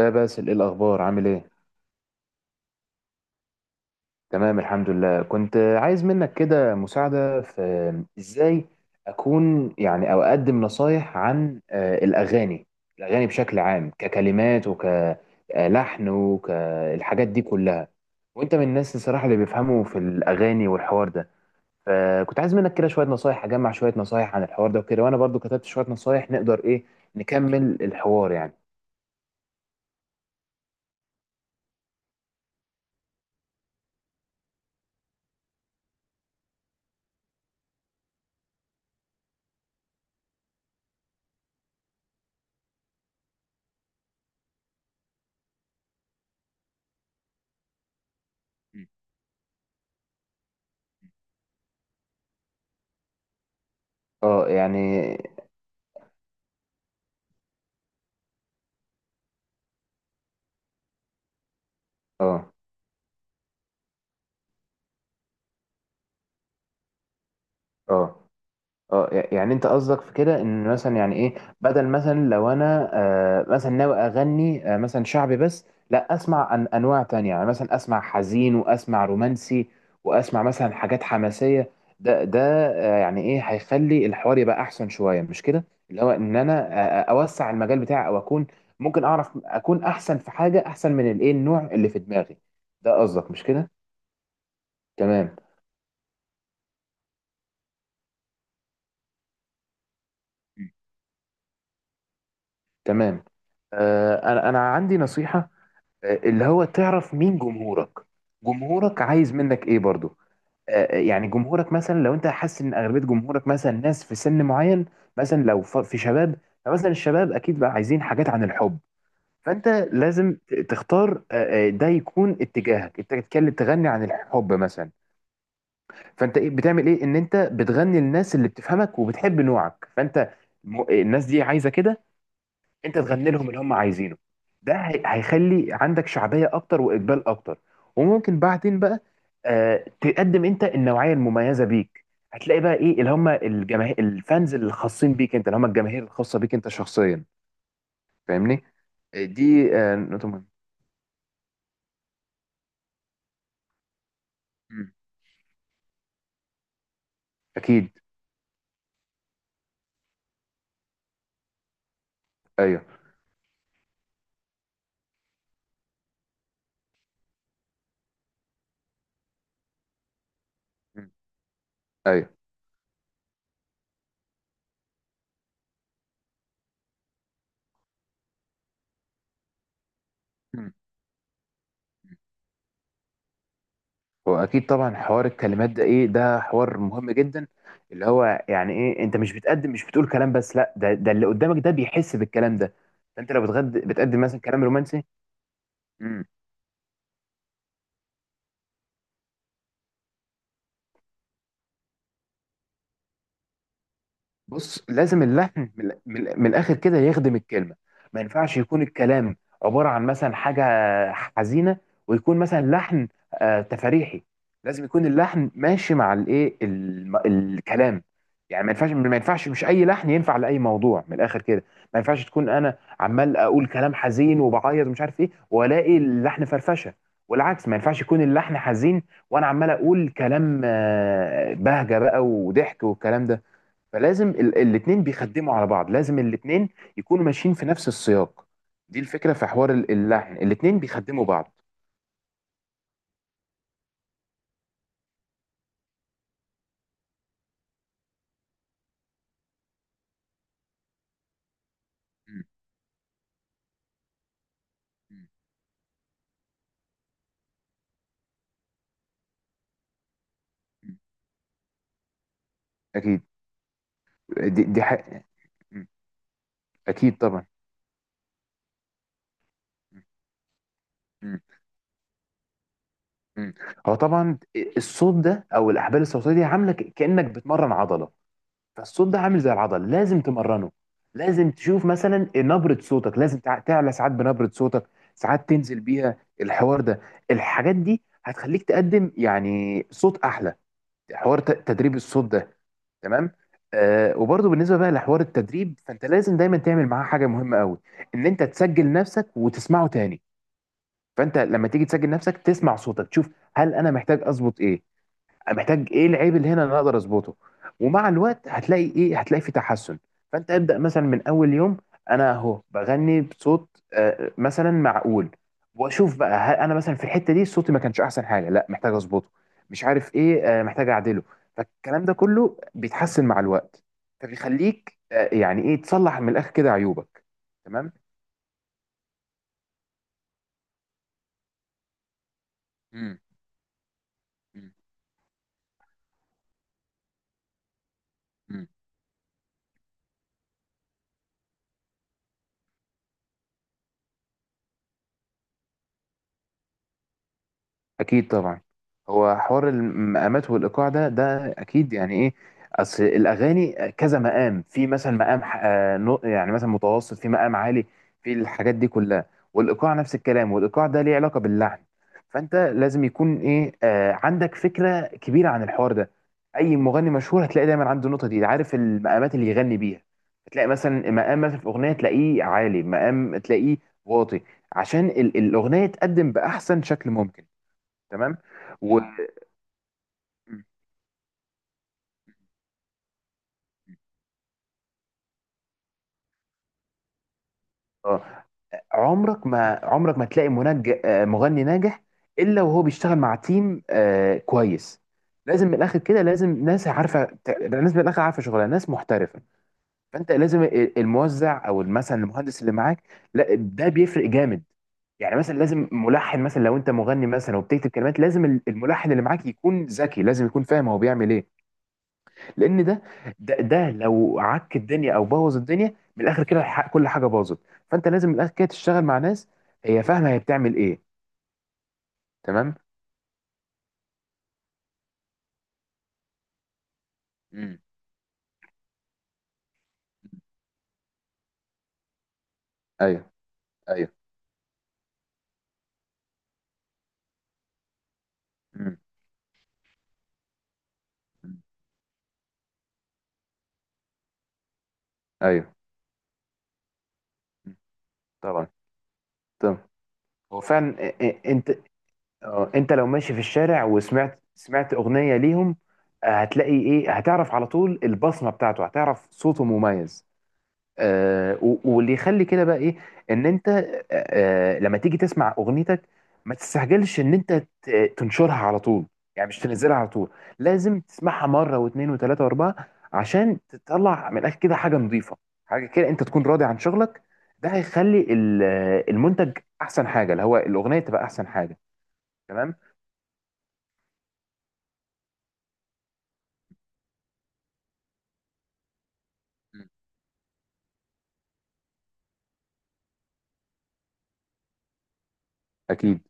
يا باسل، ايه الاخبار؟ عامل ايه؟ تمام الحمد لله. كنت عايز منك كده مساعده في. ازاي اكون يعني او اقدم نصايح عن الاغاني بشكل عام، ككلمات وكلحن وكالحاجات دي كلها. وانت من الناس الصراحه اللي بيفهموا في الاغاني والحوار ده، فكنت عايز منك كده شويه نصايح، اجمع شويه نصايح عن الحوار ده وكده، وانا برضو كتبت شويه نصايح نقدر ايه نكمل الحوار يعني. اه يعني. اه. اه. اه يعني انت قصدك في كده ان مثلا يعني ايه، بدل مثلا لو انا مثلا ناوي اغني مثلا شعبي بس، لا اسمع أن انواع تانية، يعني مثلا اسمع حزين واسمع رومانسي واسمع مثلا حاجات حماسية. ده يعني ايه هيخلي الحوار يبقى احسن شوية، مش كده؟ اللي هو ان انا اوسع المجال بتاعي او اكون ممكن اعرف اكون احسن في حاجة احسن من الايه النوع اللي في دماغي ده، قصدك مش كده؟ تمام. تمام. انا عندي نصيحه، اللي هو تعرف مين جمهورك، جمهورك عايز منك ايه برضو. يعني جمهورك مثلا لو انت حاسس ان اغلبيه جمهورك مثلا ناس في سن معين، مثلا لو في شباب، فمثلا الشباب اكيد بقى عايزين حاجات عن الحب. فانت لازم تختار، ده يكون اتجاهك، انت تتكلم تغني عن الحب مثلا. فانت ايه بتعمل ايه؟ ان انت بتغني للناس اللي بتفهمك وبتحب نوعك، فانت الناس دي عايزه كده، انت تغني لهم اللي هم عايزينه. ده هيخلي عندك شعبيه اكتر واقبال اكتر. وممكن بعدين بقى تقدم انت النوعيه المميزه بيك، هتلاقي بقى ايه اللي هم الجماهير الفانز اللي خاصين بيك انت، اللي هم الجماهير الخاصه بيك انت شخصيا. فاهمني؟ دي نقطه مهمه. مم. اكيد. ايوه. مم. ايوه. واكيد طبعا حوار الكلمات ده ايه، ده حوار مهم جدا، اللي هو يعني ايه انت مش بتقول كلام بس، لا، ده ده اللي قدامك ده بيحس بالكلام ده. فانت لو بتغد بتقدم مثلا كلام رومانسي. بص، لازم اللحن من الاخر كده يخدم الكلمه. ما ينفعش يكون الكلام عباره عن مثلا حاجه حزينه ويكون مثلا لحن تفريحي. لازم يكون اللحن ماشي مع الايه الكلام. يعني ما ينفعش مش اي لحن ينفع لاي موضوع من الاخر كده. ما ينفعش تكون انا عمال اقول كلام حزين وبعيط ومش عارف ايه والاقي اللحن فرفشه. والعكس ما ينفعش يكون اللحن حزين وانا عمال اقول كلام بهجه بقى وضحك والكلام ده. فلازم الاثنين بيخدموا على بعض، لازم الاثنين يكونوا ماشيين في نفس السياق. دي الفكرة في حوار اللحن، الاثنين بيخدموا بعض. مم. مم. مم. اكيد. دي حق... مم. اكيد طبعا. مم. مم. مم. هو طبعا الصوت ده او الاحبال الصوتيه دي عامله كانك بتمرن عضله، فالصوت ده عامل زي العضله، لازم تمرنه. لازم تشوف مثلا نبره صوتك، لازم تعلى ساعات بنبره صوتك، ساعات تنزل بيها، الحوار ده. الحاجات دي هتخليك تقدم يعني صوت احلى، حوار تدريب الصوت ده. تمام. آه وبرضه بالنسبه بقى لحوار التدريب، فانت لازم دايما تعمل معاه حاجه مهمه قوي، ان انت تسجل نفسك وتسمعه تاني. فانت لما تيجي تسجل نفسك تسمع صوتك، تشوف هل انا محتاج اظبط ايه؟ أنا محتاج ايه؟ العيب اللي هنا اللي انا اقدر اظبطه. ومع الوقت هتلاقي ايه، هتلاقي في تحسن. فانت ابدا مثلا من اول يوم، انا اهو بغني بصوت مثلا معقول، واشوف بقى هل انا مثلا في الحته دي صوتي ما كانش احسن حاجه؟ لا، محتاج اظبطه، مش عارف ايه، محتاج اعدله. فالكلام ده كله بيتحسن مع الوقت. فبيخليك يعني ايه تصلح من الاخر كده عيوبك. تمام. مم. مم. اكيد طبعا. هو حوار المقامات والايقاع ده اكيد يعني ايه، اصل الاغاني كذا مقام، في مثلا مقام يعني مثلا متوسط، في مقام عالي، في الحاجات دي كلها. والايقاع نفس الكلام، والايقاع ده ليه علاقه باللحن. فانت لازم يكون ايه عندك فكره كبيره عن الحوار ده. اي مغني مشهور هتلاقي دايما عنده النقطه دي، عارف المقامات اللي يغني بيها. هتلاقي مثلا مقام مثلا في اغنيه تلاقيه عالي، مقام تلاقيه واطي، عشان الاغنيه تقدم باحسن شكل ممكن. تمام. و. مم. اه. عمرك ما تلاقي مغني ناجح الا وهو بيشتغل مع تيم كويس. لازم من الاخر كده، لازم ناس عارفه ناس من الاخر عارفه شغلها، ناس محترفه. فانت لازم الموزع او مثلا المهندس اللي معاك، لا، ده بيفرق جامد. يعني مثلا لازم ملحن مثلا، لو انت مغني مثلا وبتكتب كلمات، لازم الملحن اللي معاك يكون ذكي، لازم يكون فاهم هو بيعمل ايه، لان ده ده لو عك الدنيا او بوظ الدنيا من الاخر كده كل حاجه باظت. فانت لازم من الاخر كده تشتغل مع ناس هي فاهمه هي بتعمل ايه. تمام. امم ايوه. ايوه. امم ايوه. مم. طبعا. طبعا. هو فعلا انت انت لو ماشي في الشارع وسمعت اغنيه ليهم، هتلاقي ايه، هتعرف على طول البصمه بتاعته، هتعرف صوته مميز. واللي يخلي كده بقى ايه، ان انت لما تيجي تسمع اغنيتك ما تستعجلش ان انت تنشرها على طول، يعني مش تنزلها على طول، لازم تسمعها مره واثنين وثلاثه واربعه عشان تطلع من الاخر كده حاجه نظيفه، حاجه كده انت تكون راضي عن شغلك. ده هيخلي المنتج احسن حاجه، اللي هو الاغنيه تبقى احسن حاجه. تمام. مم. اكيد.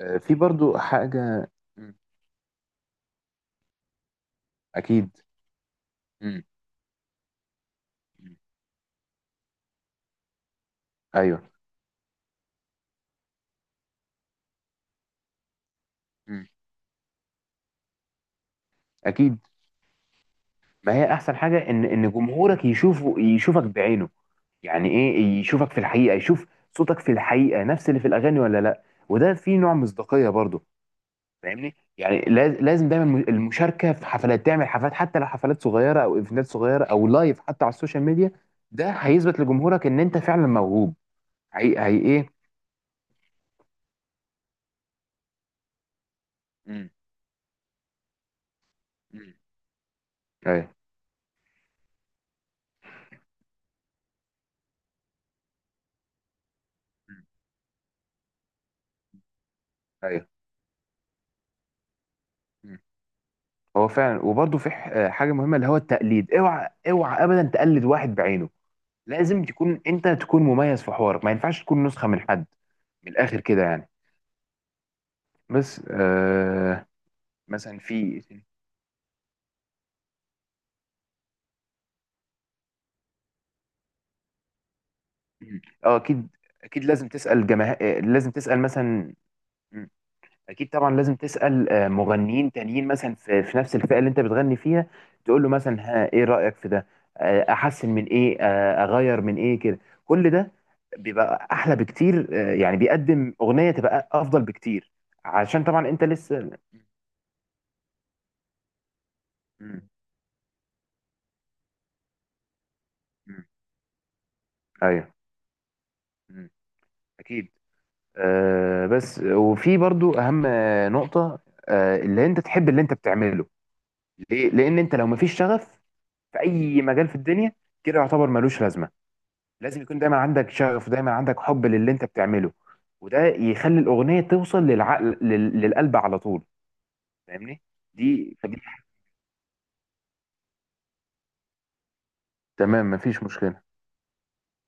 في برضو حاجه. مم. اكيد. مم. مم. ايوه. مم. اكيد. ما هي احسن حاجه ان جمهورك يشوفك بعينه، يعني ايه، يشوفك في الحقيقه، يشوف صوتك في الحقيقه نفس اللي في الاغاني ولا لا. وده فيه نوع مصداقيه برضو. فاهمني؟ يعني لازم دايما المشاركه في حفلات، تعمل حفلات حتى لو حفلات صغيره او ايفنتات صغيره او لايف حتى على السوشيال ميديا. ده هيثبت لجمهورك ان انت فعلا موهوب. هي ايه. مم. مم. ايوه. مم. ايوه. مم. هو فعلا. وبرضه في حاجه مهمه، اللي هو التقليد، اوعى اوعى ابدا تقلد واحد بعينه. لازم تكون انت تكون مميز في حوارك، ما ينفعش تكون نسخة من حد من الاخر كده يعني. بس مثلا في إيه تاني؟ مم. اه. اكيد. اكيد لازم تسأل جماهير، لازم تسأل مثلا. مم. اكيد طبعا لازم تسأل مغنيين تانيين مثلا في نفس الفئة اللي انت بتغني فيها، تقول له مثلا ها ايه رأيك في ده؟ احسن من ايه؟ اغير من ايه كده؟ كل ده بيبقى احلى بكتير، يعني بيقدم اغنية تبقى افضل بكتير، عشان طبعا انت لسه. مم. مم. ايوه. مم. اكيد. أه بس وفي برضو اهم نقطه، أه اللي انت تحب اللي انت بتعمله، ليه؟ لان انت لو مفيش شغف في اي مجال في الدنيا كده يعتبر ملوش لازمه. لازم يكون دايما عندك شغف ودايما عندك حب للي انت بتعمله. وده يخلي الاغنيه توصل للعقل للقلب على طول. فاهمني؟ دي فدي تمام مفيش مشكله.